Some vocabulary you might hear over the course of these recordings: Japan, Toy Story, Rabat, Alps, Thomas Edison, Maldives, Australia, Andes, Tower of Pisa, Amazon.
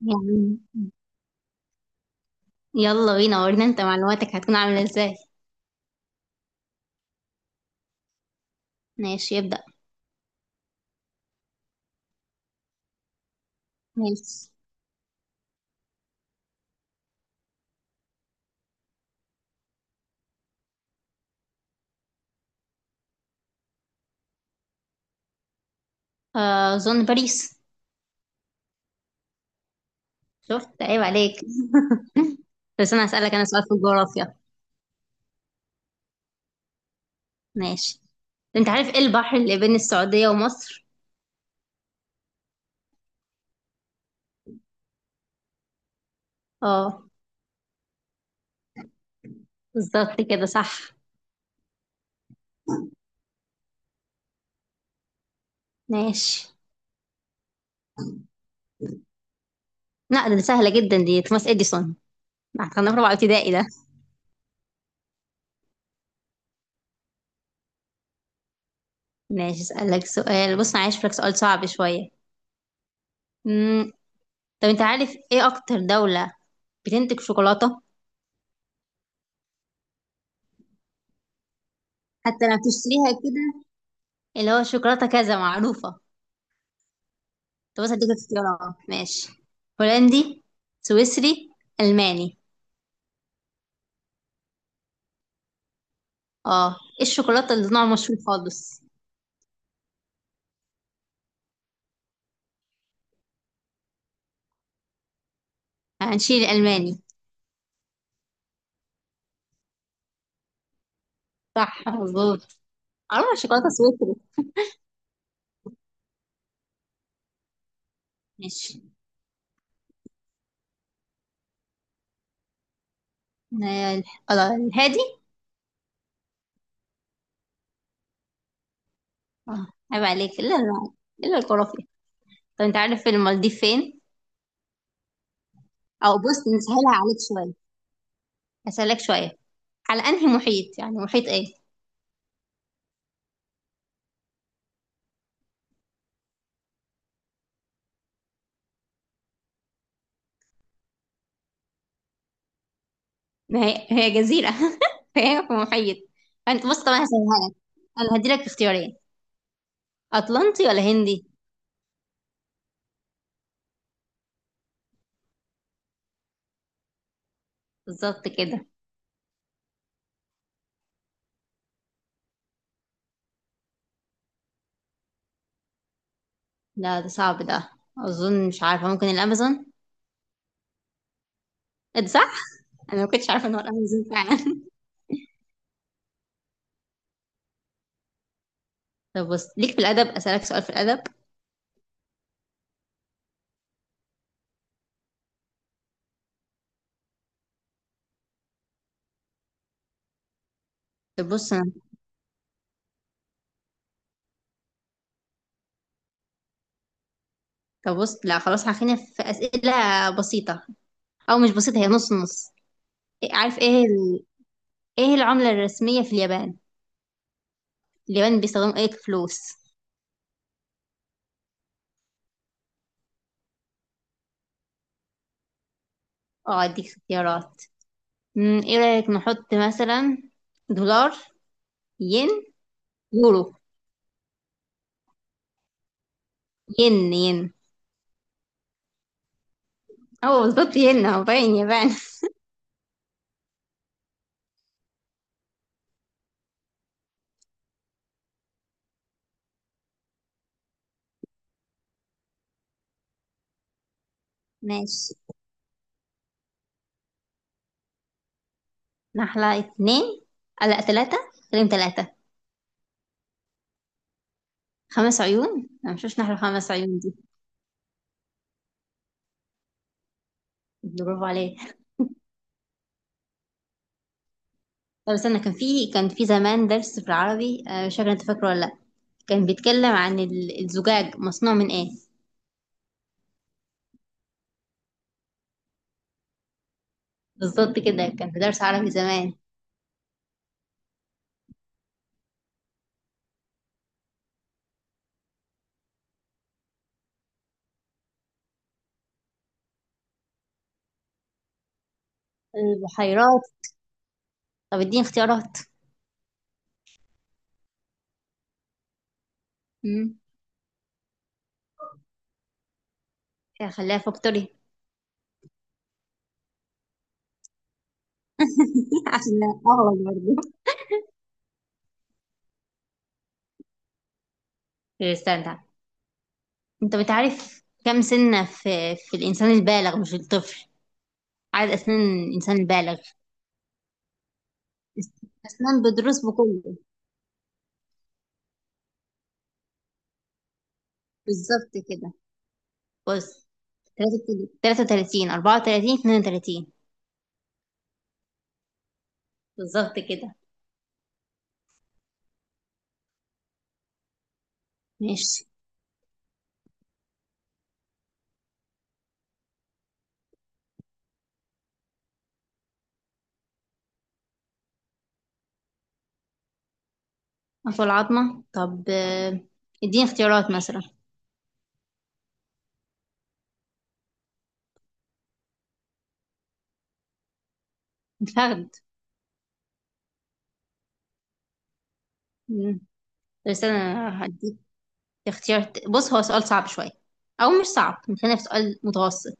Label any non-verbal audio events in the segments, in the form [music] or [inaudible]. يعني، يلا بينا، ورينا انت معلوماتك هتكون عاملة ازاي. ماشي يبدأ. ماشي، أظن باريس. شفت؟ عيب عليك. بس أنا هسألك أنا سؤال في الجغرافيا. ماشي، انت عارف ايه البحر اللي بين السعودية ومصر؟ اه، بالظبط كده صح. ماشي. لا، ده سهلة جدا دي، توماس اديسون. ده كنا في رابعة ابتدائي ده. ماشي، اسألك سؤال. بص انا عايز لك سؤال صعب شوية. امم طب انت عارف ايه اكتر دولة بتنتج شوكولاتة؟ حتى لو بتشتريها كده، اللي هو شوكولاتة كذا معروفة. طب بس اديك اختيارات. ماشي، هولندي، سويسري، ألماني. اه، ايه الشوكولاتة اللي نوع مشهور خالص. هنشيل الألماني. صح، مظبوط. اه، شوكولاتة سويسري. ماشي. الهادي. اه. عيب عليك. الا الخرافي. طب انت عارف المالديف فين؟ او بص، نسهلها عليك شوية، هسهلك شوية. على انهي محيط، يعني محيط ايه؟ ما هي هي جزيرة [laughs] فهي في محيط. فانت بص طبعا هسهلها لك، انا هديلك اختيارين: أطلنطي ولا هندي؟ بالظبط كده. لا، ده صعب ده. أظن مش عارفة، ممكن الأمازون؟ إيه ده، صح؟ أنا ما كنتش عارفة إن هو الأمازون فعلا. [laughs] طب بص ليك في الأدب، أسألك سؤال في الأدب. طب بص أنا، طب بص لا خلاص، هخلينا في أسئلة بسيطة، أو مش بسيطة، هي نص نص. إيه- عارف إيه ال... إيه العملة الرسمية في اليابان؟ اليابان بيستخدموا إيه كفلوس؟ أه، أديك اختيارات. إيه رأيك نحط مثلا دولار، ين، يورو؟ ين، ين. أه، بالظبط، ين، هو باين يابان. [laughs] ماشي. نحلة اتنين، لا تلاتة. كريم، تلاتة. خمس عيون؟ أنا مشوش، نحلة خمس عيون دي. برافو عليك. طب استنى، كان في زمان درس في العربي، مش فاكرة انت فاكره ولا لأ. كان بيتكلم عن الزجاج مصنوع من ايه. بالظبط كده، كان في درس عربي زمان. البحيرات. طب اديني اختيارات. امم خليها فاكتوري. [laughs] عشان اغلط برضه. طب استنى، انت بتعرف كم سنة في الإنسان البالغ مش الطفل؟ عدد أسنان الإنسان البالغ. أسنان بدروس بكله. بالظبط كده. بص، تلاتة وتلاتين، أربعة وتلاتين، اتنين وتلاتين. بالظبط كده. ماشي، أنف العظمة. طب اديني اختيارات مثلا. الفخذ. مم. بس أنا هديك اختيار بص، هو سؤال صعب شوية، أو مش صعب، خلينا في سؤال متوسط.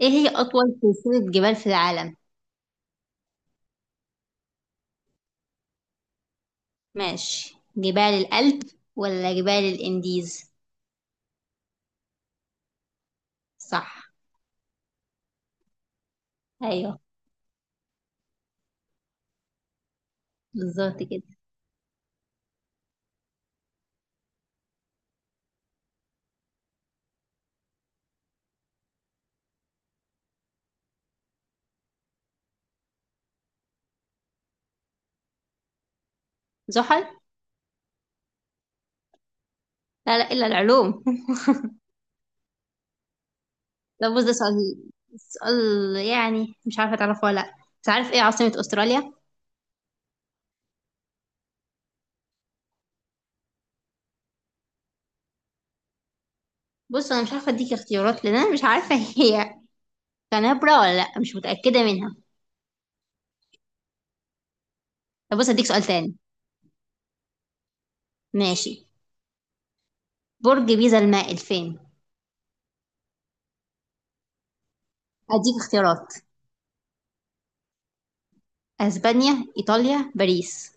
إيه هي أطول سلسلة جبال في العالم؟ ماشي، جبال الألب ولا جبال الإنديز؟ صح. أيوه، بالظبط كده. زحل؟ لا لا، إلا العلوم. ده بص، ده سؤال، سؤال يعني مش عارفة تعرفه ولا لأ، بس عارف ايه عاصمة استراليا؟ بص انا مش عارفة اديك اختيارات لان انا مش عارفة. [laughs] هي كانبرا ولا لأ، مش متأكدة منها. طب بص اديك سؤال تاني. ماشي. برج بيزا المائل فين؟ اديك اختيارات: اسبانيا، ايطاليا، باريس.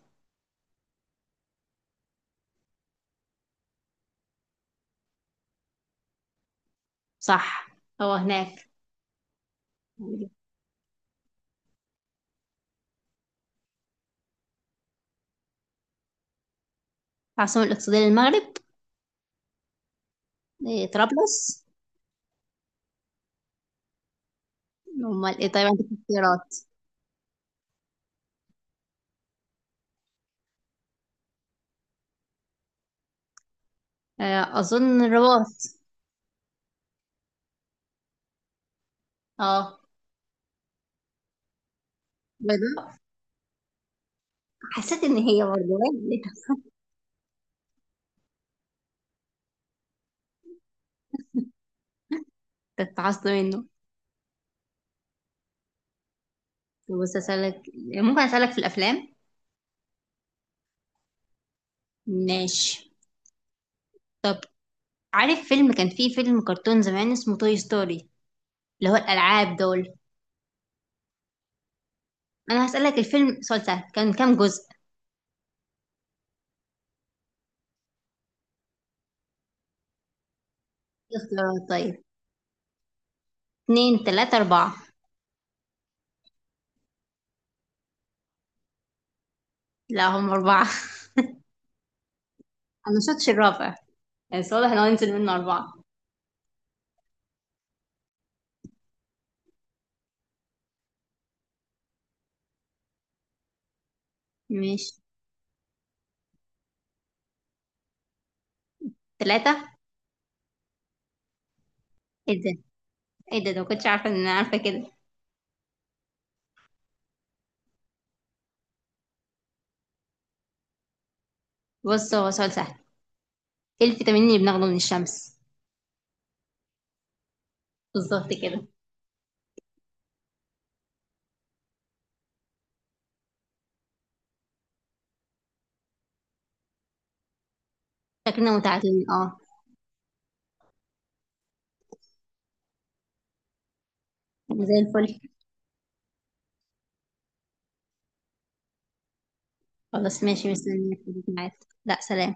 صح، هو هناك. العاصمة الاقتصادية للمغرب؟ إيه، طرابلس. امال ايه؟ طيب عندك اختيارات. اظن الرباط. اه. بيضاء. حسيت ان هي برضه. تتعصب منه. بص اسالك، ممكن اسالك في الافلام؟ ماشي. طب عارف فيلم كان فيه فيلم كرتون زمان اسمه توي ستوري؟ اللي هو الالعاب دول. انا هسالك الفيلم سؤال سهل: كان كام جزء؟ اختيارات طيب: اتنين، تلاتة، اربعة. لا، هم اربعة. [laughs] انا مشفتش الرابع، بس واضح ان هو هننزل منه اربعة. ماشي، تلاتة. ايه ده، ايه ده ما كنتش عارفة ان انا عارفة كده. بص، هو سؤال سهل: ايه الفيتامين اللي بناخده من الشمس؟ بالظبط كده. شكلنا متعادلين، اه. زي الفل. خلاص ماشي، مستنيك في الميعاد. لا، سلام.